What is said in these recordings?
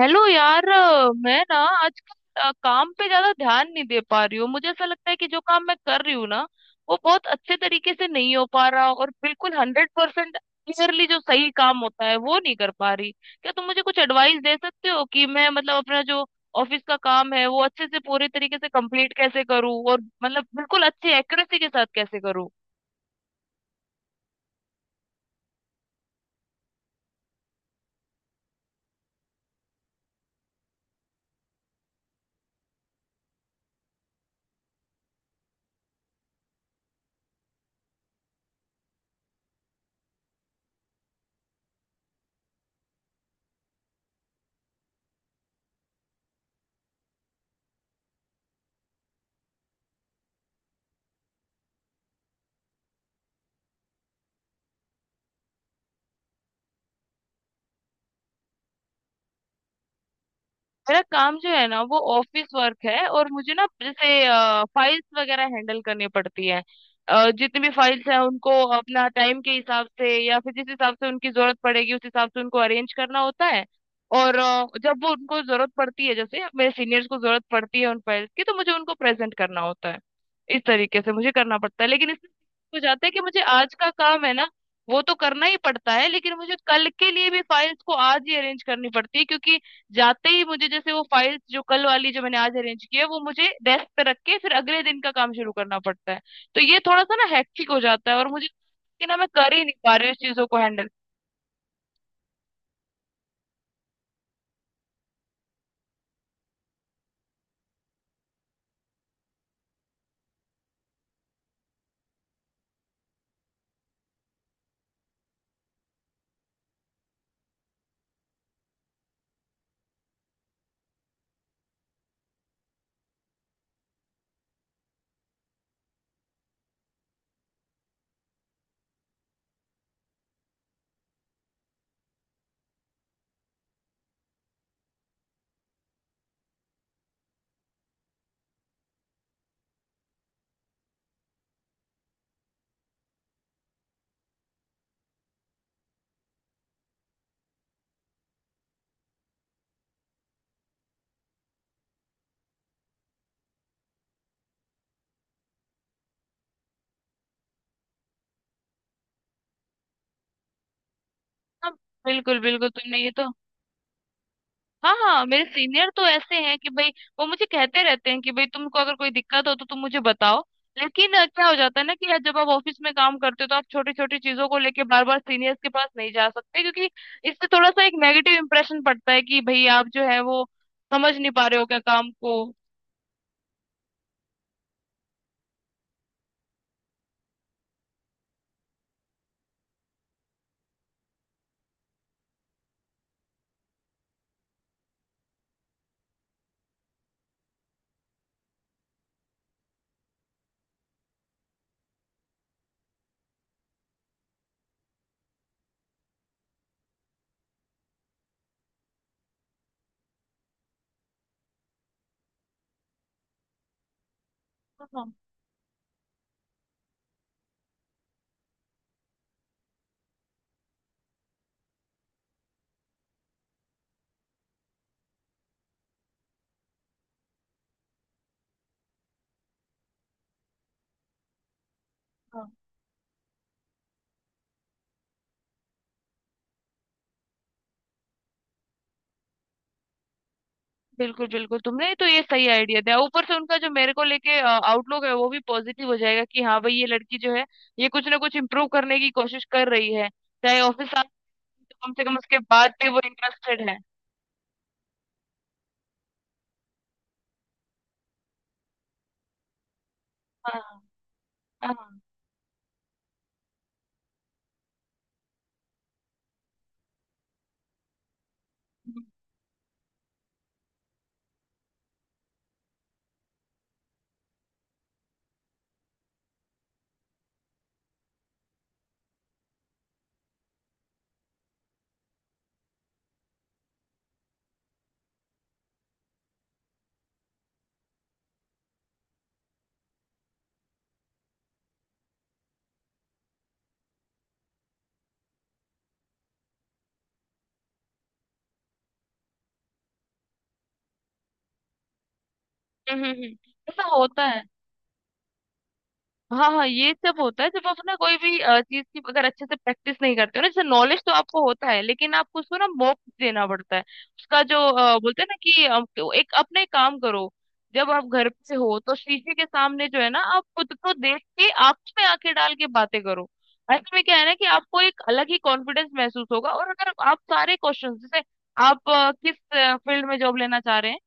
Hello यार मैं ना आजकल काम पे ज्यादा ध्यान नहीं दे पा रही हूँ। मुझे ऐसा लगता है कि जो काम मैं कर रही हूँ ना वो बहुत अच्छे तरीके से नहीं हो पा रहा और बिल्कुल 100% क्लियरली जो सही काम होता है वो नहीं कर पा रही। क्या तुम मुझे कुछ एडवाइस दे सकते हो कि मैं मतलब अपना जो ऑफिस का काम है वो अच्छे से पूरे तरीके से कंप्लीट कैसे करूँ और मतलब बिल्कुल अच्छे एक्यूरेसी के साथ कैसे करूँ? मेरा काम जो है ना वो ऑफिस वर्क है और मुझे ना जैसे फाइल्स वगैरह हैंडल करनी पड़ती है। जितनी भी फाइल्स हैं उनको अपना टाइम के हिसाब से या फिर जिस हिसाब से उनकी जरूरत पड़ेगी उस हिसाब से उनको अरेंज करना होता है। और जब वो उनको जरूरत पड़ती है जैसे मेरे सीनियर्स को जरूरत पड़ती है उन फाइल्स की तो मुझे उनको प्रेजेंट करना होता है। इस तरीके से मुझे करना पड़ता है, लेकिन इसमें हो जाता है कि मुझे आज का काम है ना वो तो करना ही पड़ता है, लेकिन मुझे कल के लिए भी फाइल्स को आज ही अरेंज करनी पड़ती है क्योंकि जाते ही मुझे जैसे वो फाइल्स जो कल वाली जो मैंने आज अरेंज की है वो मुझे डेस्क पे रख के फिर अगले दिन का काम शुरू करना पड़ता है। तो ये थोड़ा सा ना हेक्टिक हो जाता है और मुझे कि ना मैं कर ही नहीं पा रही हूँ इस चीजों को हैंडल। बिल्कुल बिल्कुल, तुमने ये तो। हाँ हाँ, मेरे सीनियर तो ऐसे हैं कि भाई वो मुझे कहते रहते हैं कि भाई तुमको अगर कोई दिक्कत हो तो तुम मुझे बताओ, लेकिन क्या हो जाता है ना कि यार जब आप ऑफिस में काम करते हो तो आप छोटी छोटी चीजों को लेके बार बार सीनियर्स के पास नहीं जा सकते क्योंकि इससे थोड़ा सा एक नेगेटिव इम्प्रेशन पड़ता है कि भाई आप जो है वो समझ नहीं पा रहे हो क्या काम को। हाँ हाँ हाँ। बिल्कुल बिल्कुल, तुमने तो ये सही आइडिया दिया। ऊपर से उनका जो मेरे को लेके आउटलुक है वो भी पॉजिटिव हो जाएगा कि हाँ भाई ये लड़की जो है ये कुछ ना कुछ इम्प्रूव करने की कोशिश कर रही है, चाहे ऑफिस। कम से कम उसके बाद भी वो इंटरेस्टेड है। हाँ हाँ हाँ। हम्म हम्म हम्म। ऐसा होता है। हाँ हाँ, ये सब होता है जब आप ना कोई भी चीज की अगर अच्छे से प्रैक्टिस नहीं करते हो ना। जैसे नॉलेज तो आपको होता है, लेकिन आपको उसको ना मौका देना पड़ता है उसका जो बोलते हैं ना कि तो एक अपने काम करो। जब आप घर पे हो तो शीशे के सामने जो है ना आप खुद को देख के आंखों में आंखें डाल के बातें करो। ऐसे में क्या है ना कि आपको एक अलग ही कॉन्फिडेंस महसूस होगा। और अगर आप सारे क्वेश्चन जैसे आप किस फील्ड में जॉब लेना चाह रहे हैं?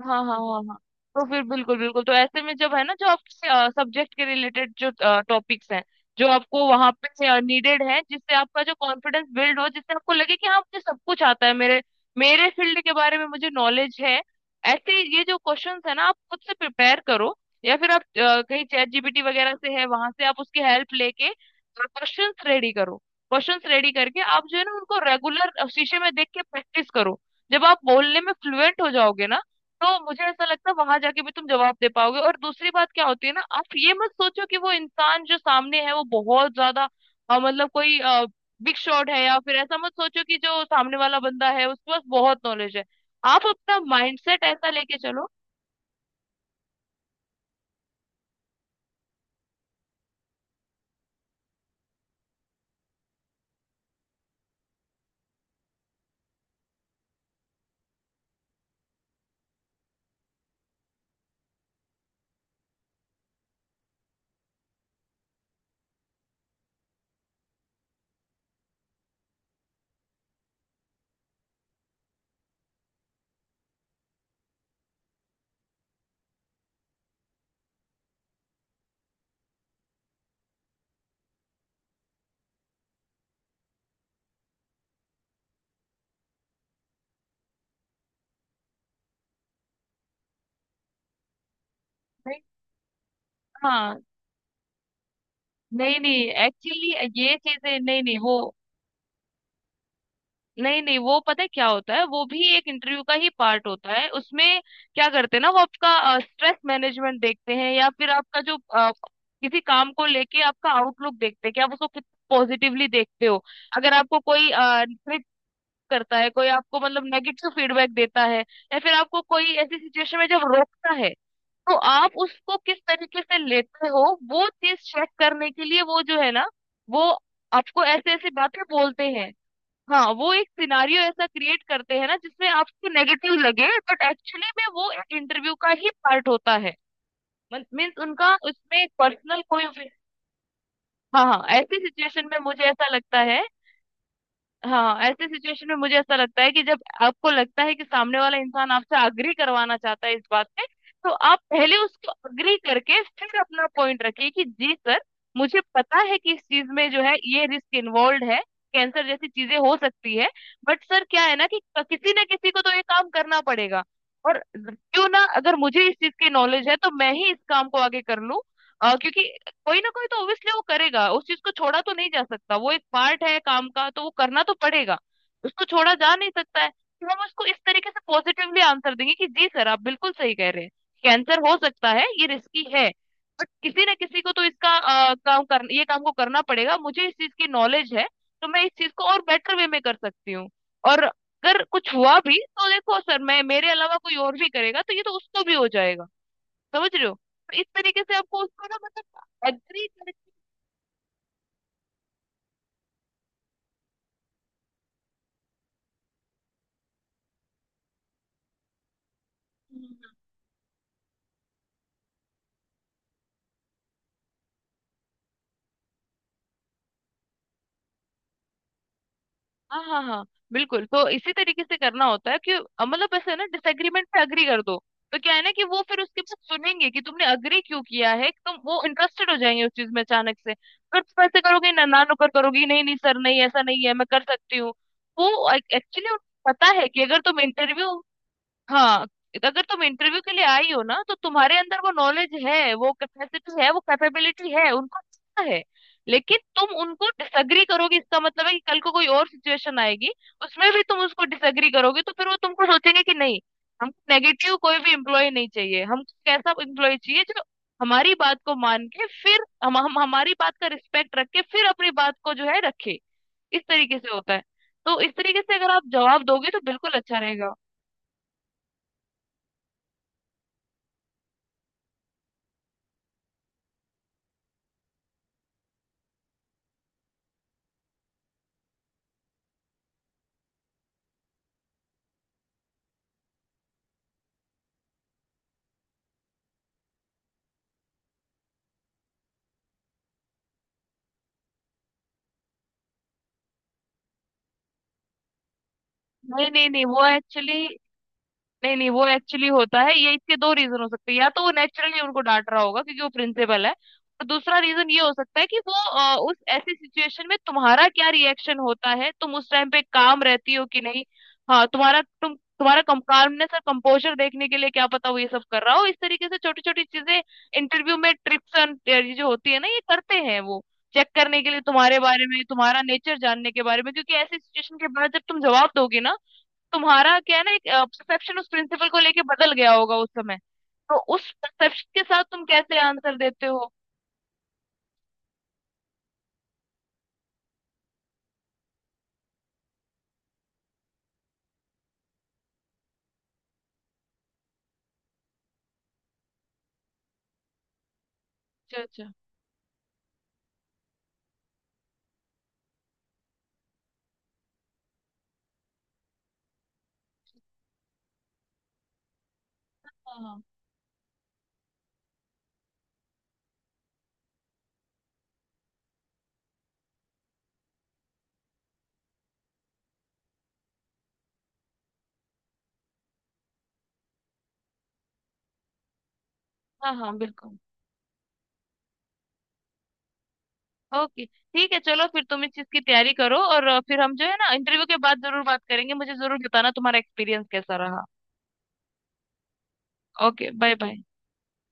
हाँ हाँ हाँ हाँ, तो फिर बिल्कुल बिल्कुल, तो ऐसे में जब है ना जो आपके सब्जेक्ट के रिलेटेड जो टॉपिक्स हैं जो आपको वहां पे नीडेड है जिससे आपका जो कॉन्फिडेंस बिल्ड हो जिससे आपको लगे कि हाँ मुझे सब कुछ आता है मेरे मेरे फील्ड के बारे में मुझे नॉलेज है। ऐसे ये जो क्वेश्चंस है ना आप खुद से प्रिपेयर करो, या फिर आप कहीं चैट GPT वगैरह से है वहां से आप उसकी हेल्प लेके क्वेश्चंस रेडी करो। क्वेश्चंस रेडी करके आप जो है ना उनको रेगुलर शीशे में देख के प्रैक्टिस करो। जब आप बोलने में फ्लुएंट हो जाओगे ना तो मुझे ऐसा लगता है वहां जाके भी तुम जवाब दे पाओगे। और दूसरी बात क्या होती है ना आप ये मत सोचो कि वो इंसान जो सामने है वो बहुत ज्यादा मतलब कोई बिग शॉट है, या फिर ऐसा मत सोचो कि जो सामने वाला बंदा है उसके पास बहुत नॉलेज है। आप अपना माइंडसेट ऐसा लेके चलो। नहीं, हाँ, नहीं नहीं एक्चुअली ये चीजें, नहीं नहीं वो, नहीं नहीं वो पता है क्या होता है वो भी एक इंटरव्यू का ही पार्ट होता है। उसमें क्या करते हैं ना वो आपका स्ट्रेस मैनेजमेंट देखते हैं या फिर आपका जो किसी काम को लेके आपका आउटलुक देखते हैं कि आप उसको कितना पॉजिटिवली देखते हो। अगर आपको कोई ट्रिक करता है, कोई आपको मतलब नेगेटिव फीडबैक देता है, या फिर आपको कोई ऐसी सिचुएशन में जब रोकता है तो आप उसको किस तरीके से लेते हो वो चीज चेक करने के लिए वो जो है ना वो आपको ऐसे ऐसी बातें बोलते हैं। हाँ, वो एक सिनारियो ऐसा क्रिएट करते हैं ना जिसमें आपको नेगेटिव लगे बट एक्चुअली में वो एक इंटरव्यू का ही पार्ट होता है। मीन्स उनका उसमें पर्सनल कोई। हाँ हाँ, ऐसी सिचुएशन में मुझे ऐसा लगता है। हाँ, ऐसे सिचुएशन में मुझे ऐसा लगता है कि जब आपको लगता है कि सामने वाला इंसान आपसे अग्री करवाना चाहता है इस बात पे तो आप पहले उसको अग्री करके फिर अपना पॉइंट रखिए कि जी सर, मुझे पता है कि इस चीज में जो है ये रिस्क इन्वॉल्व है। कैंसर जैसी चीजें हो सकती है, बट सर क्या है ना कि किसी ना किसी को तो ये काम करना पड़ेगा। और क्यों ना, अगर मुझे इस चीज की नॉलेज है तो मैं ही इस काम को आगे कर लूं। क्योंकि कोई ना कोई तो ऑब्वियसली वो करेगा, उस चीज को छोड़ा तो नहीं जा सकता, वो एक पार्ट है काम का तो वो करना तो पड़ेगा। उसको छोड़ा जा नहीं सकता है। तो हम उसको इस तरीके से पॉजिटिवली आंसर देंगे कि जी सर, आप बिल्कुल सही कह रहे हैं, कैंसर हो सकता है, ये रिस्की है, बट किसी ना किसी को तो इसका काम कर ये काम को करना पड़ेगा, मुझे इस चीज की नॉलेज है तो मैं इस चीज को और बेटर वे में कर सकती हूँ। और अगर कुछ हुआ भी तो देखो सर, मैं मेरे अलावा कोई और भी करेगा तो ये तो उसको भी हो जाएगा। समझ रहे हो? तो इस तरीके से आपको उसको ना मतलब एग्री कर। हाँ हाँ हाँ बिल्कुल, तो इसी तरीके से करना होता है कि मतलब ऐसे ना डिसएग्रीमेंट पे अग्री कर दो। तो क्या है ना कि वो फिर उसके बाद सुनेंगे कि तुमने अग्री क्यों किया है, तुम वो इंटरेस्टेड हो जाएंगे उस चीज में अचानक से। अगर तुम ऐसे करोगे ना ना नुकर करोगी नहीं नहीं सर नहीं ऐसा नहीं है मैं कर सकती हूँ वो एक्चुअली पता है कि अगर तुम इंटरव्यू। हाँ, अगर तुम इंटरव्यू के लिए आई हो ना तो तुम्हारे अंदर वो नॉलेज है, वो कैपेसिटी है, वो कैपेबिलिटी है, उनको पता है। लेकिन तुम उनको डिसएग्री करोगे इसका मतलब है कि कल को कोई और सिचुएशन आएगी, उसमें भी तुम उसको डिसएग्री करोगे, तो फिर वो तुमको सोचेंगे कि नहीं, हमको नेगेटिव कोई भी एम्प्लॉय नहीं चाहिए। हमको एक ऐसा एम्प्लॉय चाहिए जो हमारी बात को मान के फिर हम हमारी बात का रिस्पेक्ट रख के फिर अपनी बात को जो है रखे। इस तरीके से होता है। तो इस तरीके से अगर आप जवाब दोगे तो बिल्कुल अच्छा रहेगा। नहीं नहीं नहीं वो एक्चुअली नहीं नहीं वो एक्चुअली होता है। ये इसके दो रीजन हो सकते हैं, या तो वो नेचुरली उनको डांट रहा होगा क्योंकि वो प्रिंसिपल है, और दूसरा रीजन ये हो सकता है कि वो उस ऐसी सिचुएशन में तुम्हारा क्या रिएक्शन होता है, तुम उस टाइम पे काम रहती हो कि नहीं। हाँ, तुम्हारा कम कामनेस और कंपोजर देखने के लिए क्या पता वो ये सब कर रहा हो। इस तरीके से छोटी छोटी चीजें, इंटरव्यू में ट्रिप्स एंड ये जो होती है ना ये करते हैं वो चेक करने के लिए तुम्हारे बारे में, तुम्हारा नेचर जानने के बारे में। क्योंकि ऐसी सिचुएशन के बाद जब तुम जवाब दोगे ना तुम्हारा क्या है ना एक परसेप्शन उस प्रिंसिपल को लेके बदल गया होगा उस समय, तो उस परसेप्शन के साथ तुम कैसे आंसर देते हो? अच्छा अच्छा। हाँ हाँ हाँ हाँ बिल्कुल। ओके ठीक है, चलो फिर तुम इस चीज की तैयारी करो और फिर हम जो है ना इंटरव्यू के बाद जरूर बात करेंगे। मुझे जरूर बताना तुम्हारा एक्सपीरियंस कैसा रहा। Okay bye bye.